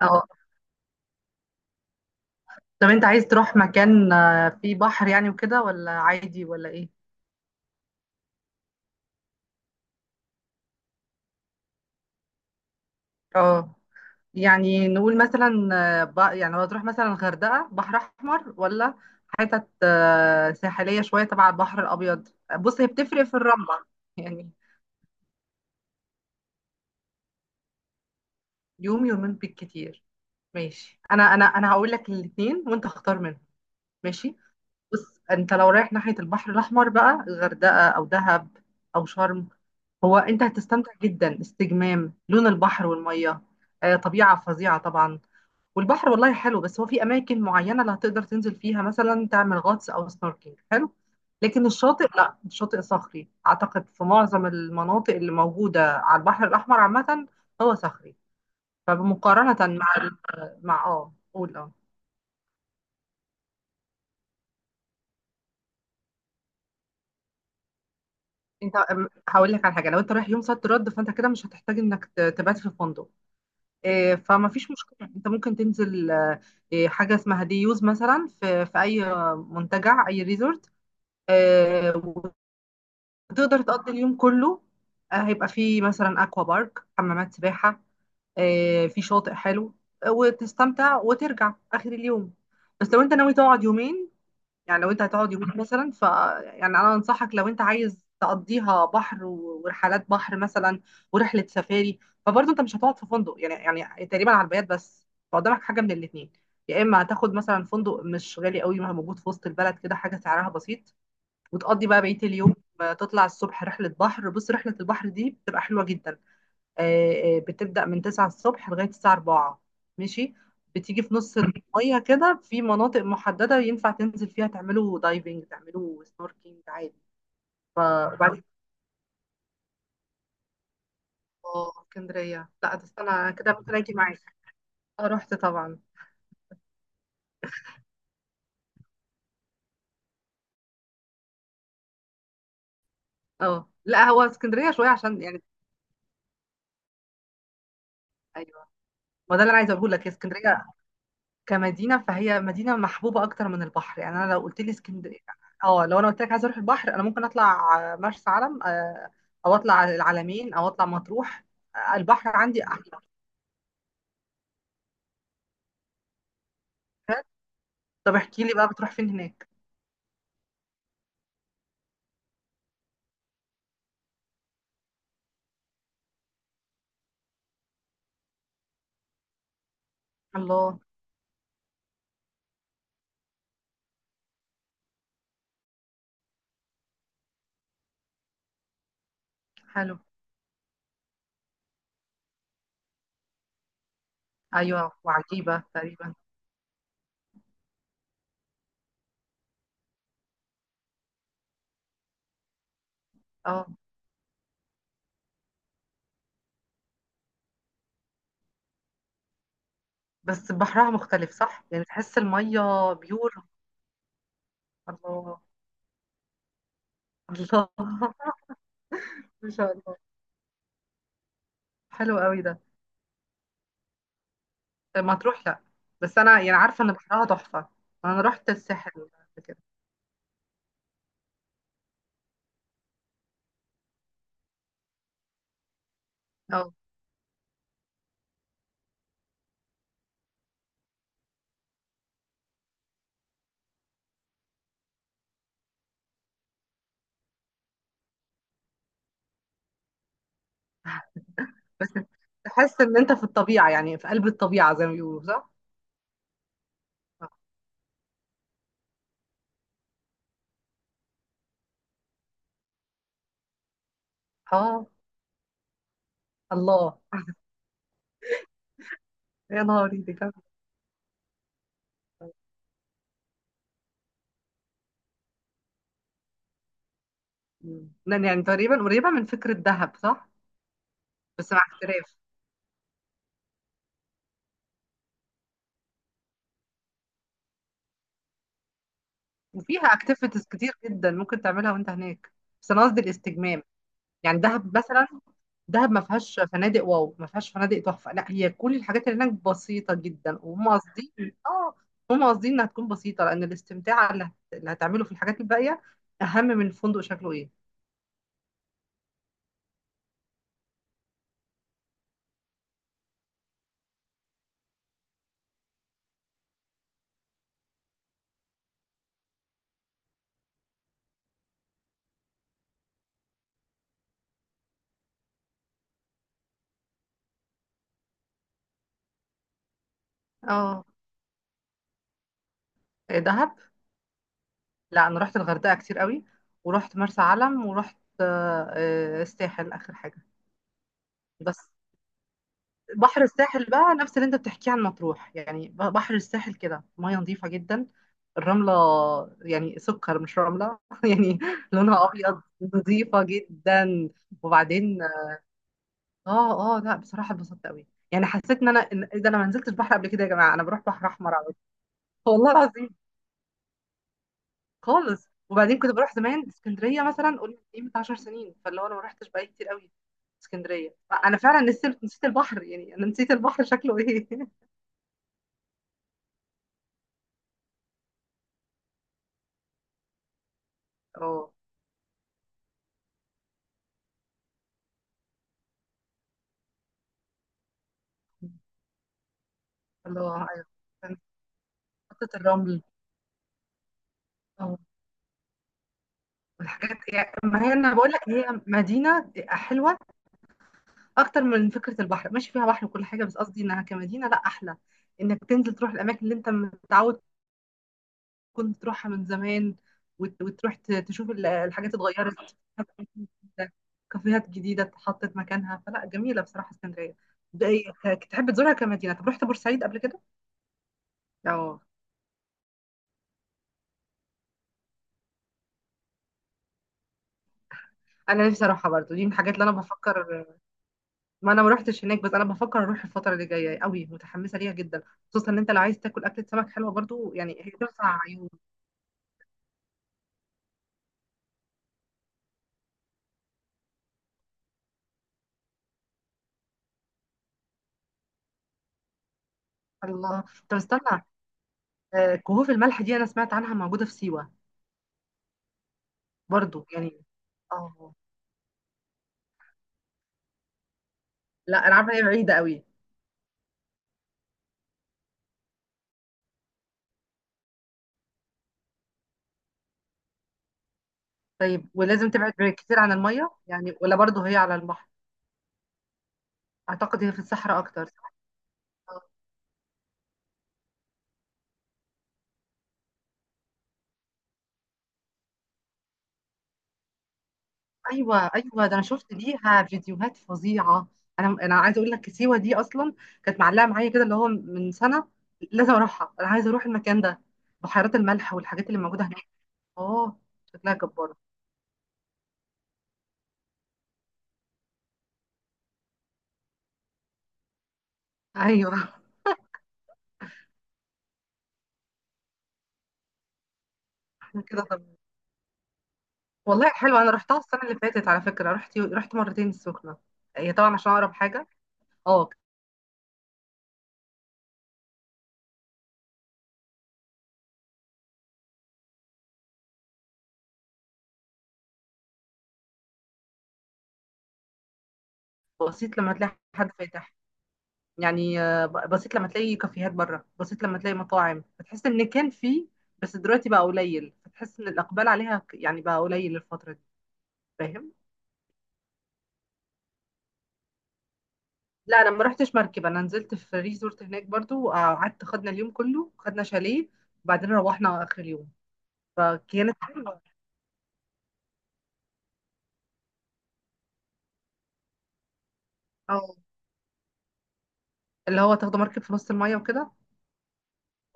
اه، طب انت عايز تروح مكان، فيه بحر يعني وكده، ولا عادي، ولا ايه؟ اه، يعني نقول مثلا، يعني لو تروح مثلا الغردقة، بحر احمر، ولا حتت ساحلية شوية تبع البحر الابيض؟ بص، هي بتفرق في الرملة. يعني يوم يومين بالكتير. ماشي، انا هقول لك الاثنين وانت اختار منهم. ماشي، بص، انت لو رايح ناحية البحر الاحمر بقى، الغردقة او دهب او شرم، هو انت هتستمتع جدا، استجمام، لون البحر والميه. طبيعه فظيعه طبعا، والبحر والله حلو، بس هو في اماكن معينه اللي هتقدر تنزل فيها، مثلا تعمل غطس او سنوركينج حلو. لكن الشاطئ، لا، الشاطئ صخري اعتقد في معظم المناطق اللي موجوده على البحر الاحمر عامه، هو صخري. فمقارنه مع مع، قول، انت هقول لك على حاجه. لو انت رايح يوم صد رد، فانت كده مش هتحتاج انك تبات في فندق. فما فيش مشكلة، انت ممكن تنزل حاجة اسمها ديوز مثلا، في اي منتجع، اي ريزورت. آه، وتقدر تقضي اليوم كله. هيبقى فيه مثلا اكوا بارك، حمامات سباحة، في شاطئ حلو، وتستمتع وترجع اخر اليوم. بس لو انت ناوي تقعد يومين، يعني لو انت هتقعد يومين مثلا، يعني انا انصحك، لو انت عايز تقضيها بحر ورحلات بحر مثلا، ورحله سفاري، فبرضه انت مش هتقعد في فندق يعني تقريبا على البيات بس. فقدامك حاجه من الاثنين، يا اما هتاخد مثلا فندق مش غالي قوي، ما هو موجود في وسط البلد كده، حاجه سعرها بسيط، وتقضي بقى بقيه اليوم. تطلع الصبح رحله بحر. بص، رحله البحر دي بتبقى حلوه جدا، بتبدأ من 9 الصبح لغاية الساعة 4. ماشي. بتيجي في نص المية كده، في مناطق محددة ينفع تنزل فيها، تعملوا دايفنج، تعملوا سنوركينج عادي. ف- وبعدين، اه، اسكندرية، لا ده استنى، أنا كده ممكن اجي معاك. اه، رحت طبعا. اه لا، هو اسكندرية شوية عشان يعني، ايوه. ما ده اللي انا عايزه اقول لك، هي اسكندرية كمدينة، فهي مدينة محبوبة أكتر من البحر. يعني أنا لو قلت لي اسكندرية، اه، لو أنا قلت لك عايزة أروح البحر، أنا ممكن أطلع مرسى علم، أو أطلع على العلمين، أو أطلع مطروح. البحر عندي أحلى. طب احكي لي بقى، بتروح فين هناك؟ الله، حلو. أيوة، وعجيبة تقريبا. اه، بس بحرها مختلف صح؟ يعني تحس المية بيور. الله. الله، ما شاء الله، حلو قوي ده. مطروح؟ لا، بس أنا يعني عارفة إن بحرها تحفة. أنا رحت الساحل قبل كده. اه، تحس ان انت في الطبيعة، يعني في قلب الطبيعة زي ما بيقولوا، صح؟ اه، الله، يا نهاري دي جامدة. مم. لأن يعني تقريبا قريبة من فكرة دهب، صح؟ بس مع اختلاف. وفيها اكتيفيتيز كتير جدا ممكن تعملها وانت هناك، بس انا قصدي الاستجمام. يعني دهب مثلا، دهب ما فيهاش فنادق واو، ما فيهاش فنادق تحفة، لا، هي كل الحاجات اللي هناك بسيطة جدا وهم قاصدين. اه، هم قاصدين انها تكون بسيطة، لأن الاستمتاع اللي هتعمله في الحاجات الباقية أهم من الفندق شكله ايه. اه، إيه، دهب؟ لا، انا رحت الغردقه كتير قوي، ورحت مرسى علم، ورحت الساحل اخر حاجه. بس بحر الساحل بقى نفس اللي انت بتحكيه عن مطروح، يعني بحر الساحل كده ميه نظيفه جدا، الرمله يعني سكر مش رمله يعني. لونها ابيض، نظيفه جدا. وبعدين، اه لا، بصراحه اتبسطت قوي. يعني حسيت ان انا، إيه ده، انا ما نزلتش بحر قبل كده يا جماعه، انا بروح بحر احمر على طول. والله العظيم. خالص. وبعدين كنت بروح زمان اسكندريه مثلا، قول ايه، من 10 سنين، فاللي هو انا ما رحتش بقالي كتير قوي. اسكندريه، انا فعلا نسيت نسيت البحر. يعني انا نسيت البحر شكله ايه. اه، الله. ايوه، كان خطه الرمل. اه، والحاجات. يعني ما هي انا بقول لك، هي مدينه حلوه اكتر من فكره البحر. ماشي فيها بحر وكل حاجه، بس قصدي انها كمدينه لا، احلى، انك تنزل تروح الاماكن اللي انت متعود كنت تروحها من زمان، وتروح تشوف الحاجات اتغيرت، كافيهات جديدة اتحطت مكانها، فلا جميلة بصراحة اسكندرية. ده إيه، تحب تزورها كمدينة. طب رحت بورسعيد قبل كده؟ اه، انا نفسي اروحها برضو، دي من الحاجات اللي انا بفكر، ما انا ما رحتش هناك، بس انا بفكر اروح الفترة اللي جاية، قوي متحمسة ليها جدا. خصوصا ان انت لو عايز تاكل اكلة سمك حلوة برضو، يعني هي تنفع عيون. الله، طب استنى، كهوف الملح دي انا سمعت عنها موجودة في سيوة برضو، يعني. اه لا، انا عارفة إن هي بعيدة قوي. طيب ولازم تبعد كتير عن المية، يعني، ولا برضه هي على البحر؟ اعتقد هي في الصحراء اكتر، صح؟ ايوه، ايوه، ده انا شفت ليها فيديوهات فظيعة. انا عايزة اقول لك، سيوة دي اصلا كانت معلقة معايا كده، اللي هو من سنة لازم اروحها، انا عايزة اروح المكان ده، بحيرات الملح والحاجات اللي موجودة هناك. اه، شكلها جبارة. ايوه. كده طب. والله حلوة، انا رحتها السنة اللي فاتت على فكرة، رحت مرتين السخنة. هي طبعا عشان اقرب حاجة. اه، بسيط لما تلاقي حد فاتح، يعني بسيط لما تلاقي كافيهات بره، بسيط لما تلاقي مطاعم، فتحس ان كان في، بس دلوقتي بقى قليل، فتحس ان الاقبال عليها يعني بقى قليل الفتره دي. فاهم. لا، انا ما رحتش مركب، انا نزلت في ريزورت هناك برضو، وقعدت، خدنا اليوم كله، خدنا شاليه، وبعدين روحنا اخر اليوم. فكانت حلوه. اه، اللي هو تاخدوا مركب في نص الميه وكده.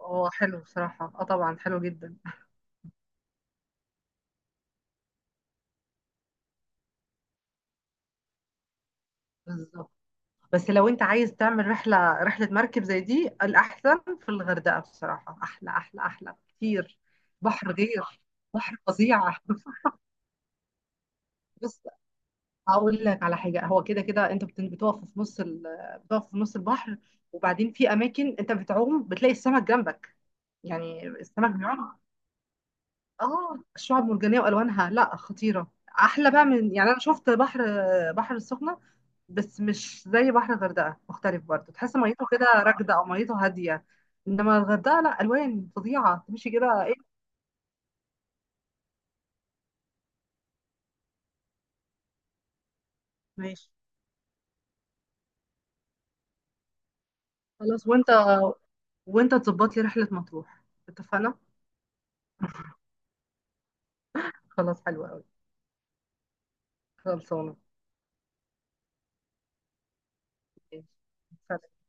اه، حلو بصراحه، اه طبعا حلو جدا. بالظبط. بس لو انت عايز تعمل رحله مركب زي دي الاحسن في الغردقه بصراحه، احلى احلى احلى كتير. بحر غير، بحر فظيع. بص، هقول لك على حاجه، هو كده كده انت بتقف في نص بتقف في نص البحر. وبعدين في اماكن انت بتعوم بتلاقي السمك جنبك، يعني السمك بيعوم. اه، الشعاب المرجانيه والوانها لا، خطيره. احلى بقى من، يعني انا شفت بحر، بحر السخنه، بس مش زي بحر الغردقة. مختلف برضه، تحس ميته كده راكدة، أو ميته هادية. إنما الغردقة لأ، ألوان فظيعة، تمشي كده، إيه. ماشي. خلاص، وأنت تظبط لي رحلة مطروح. اتفقنا. خلاص، حلوة أوي. خلصانة. ماشي. سلام.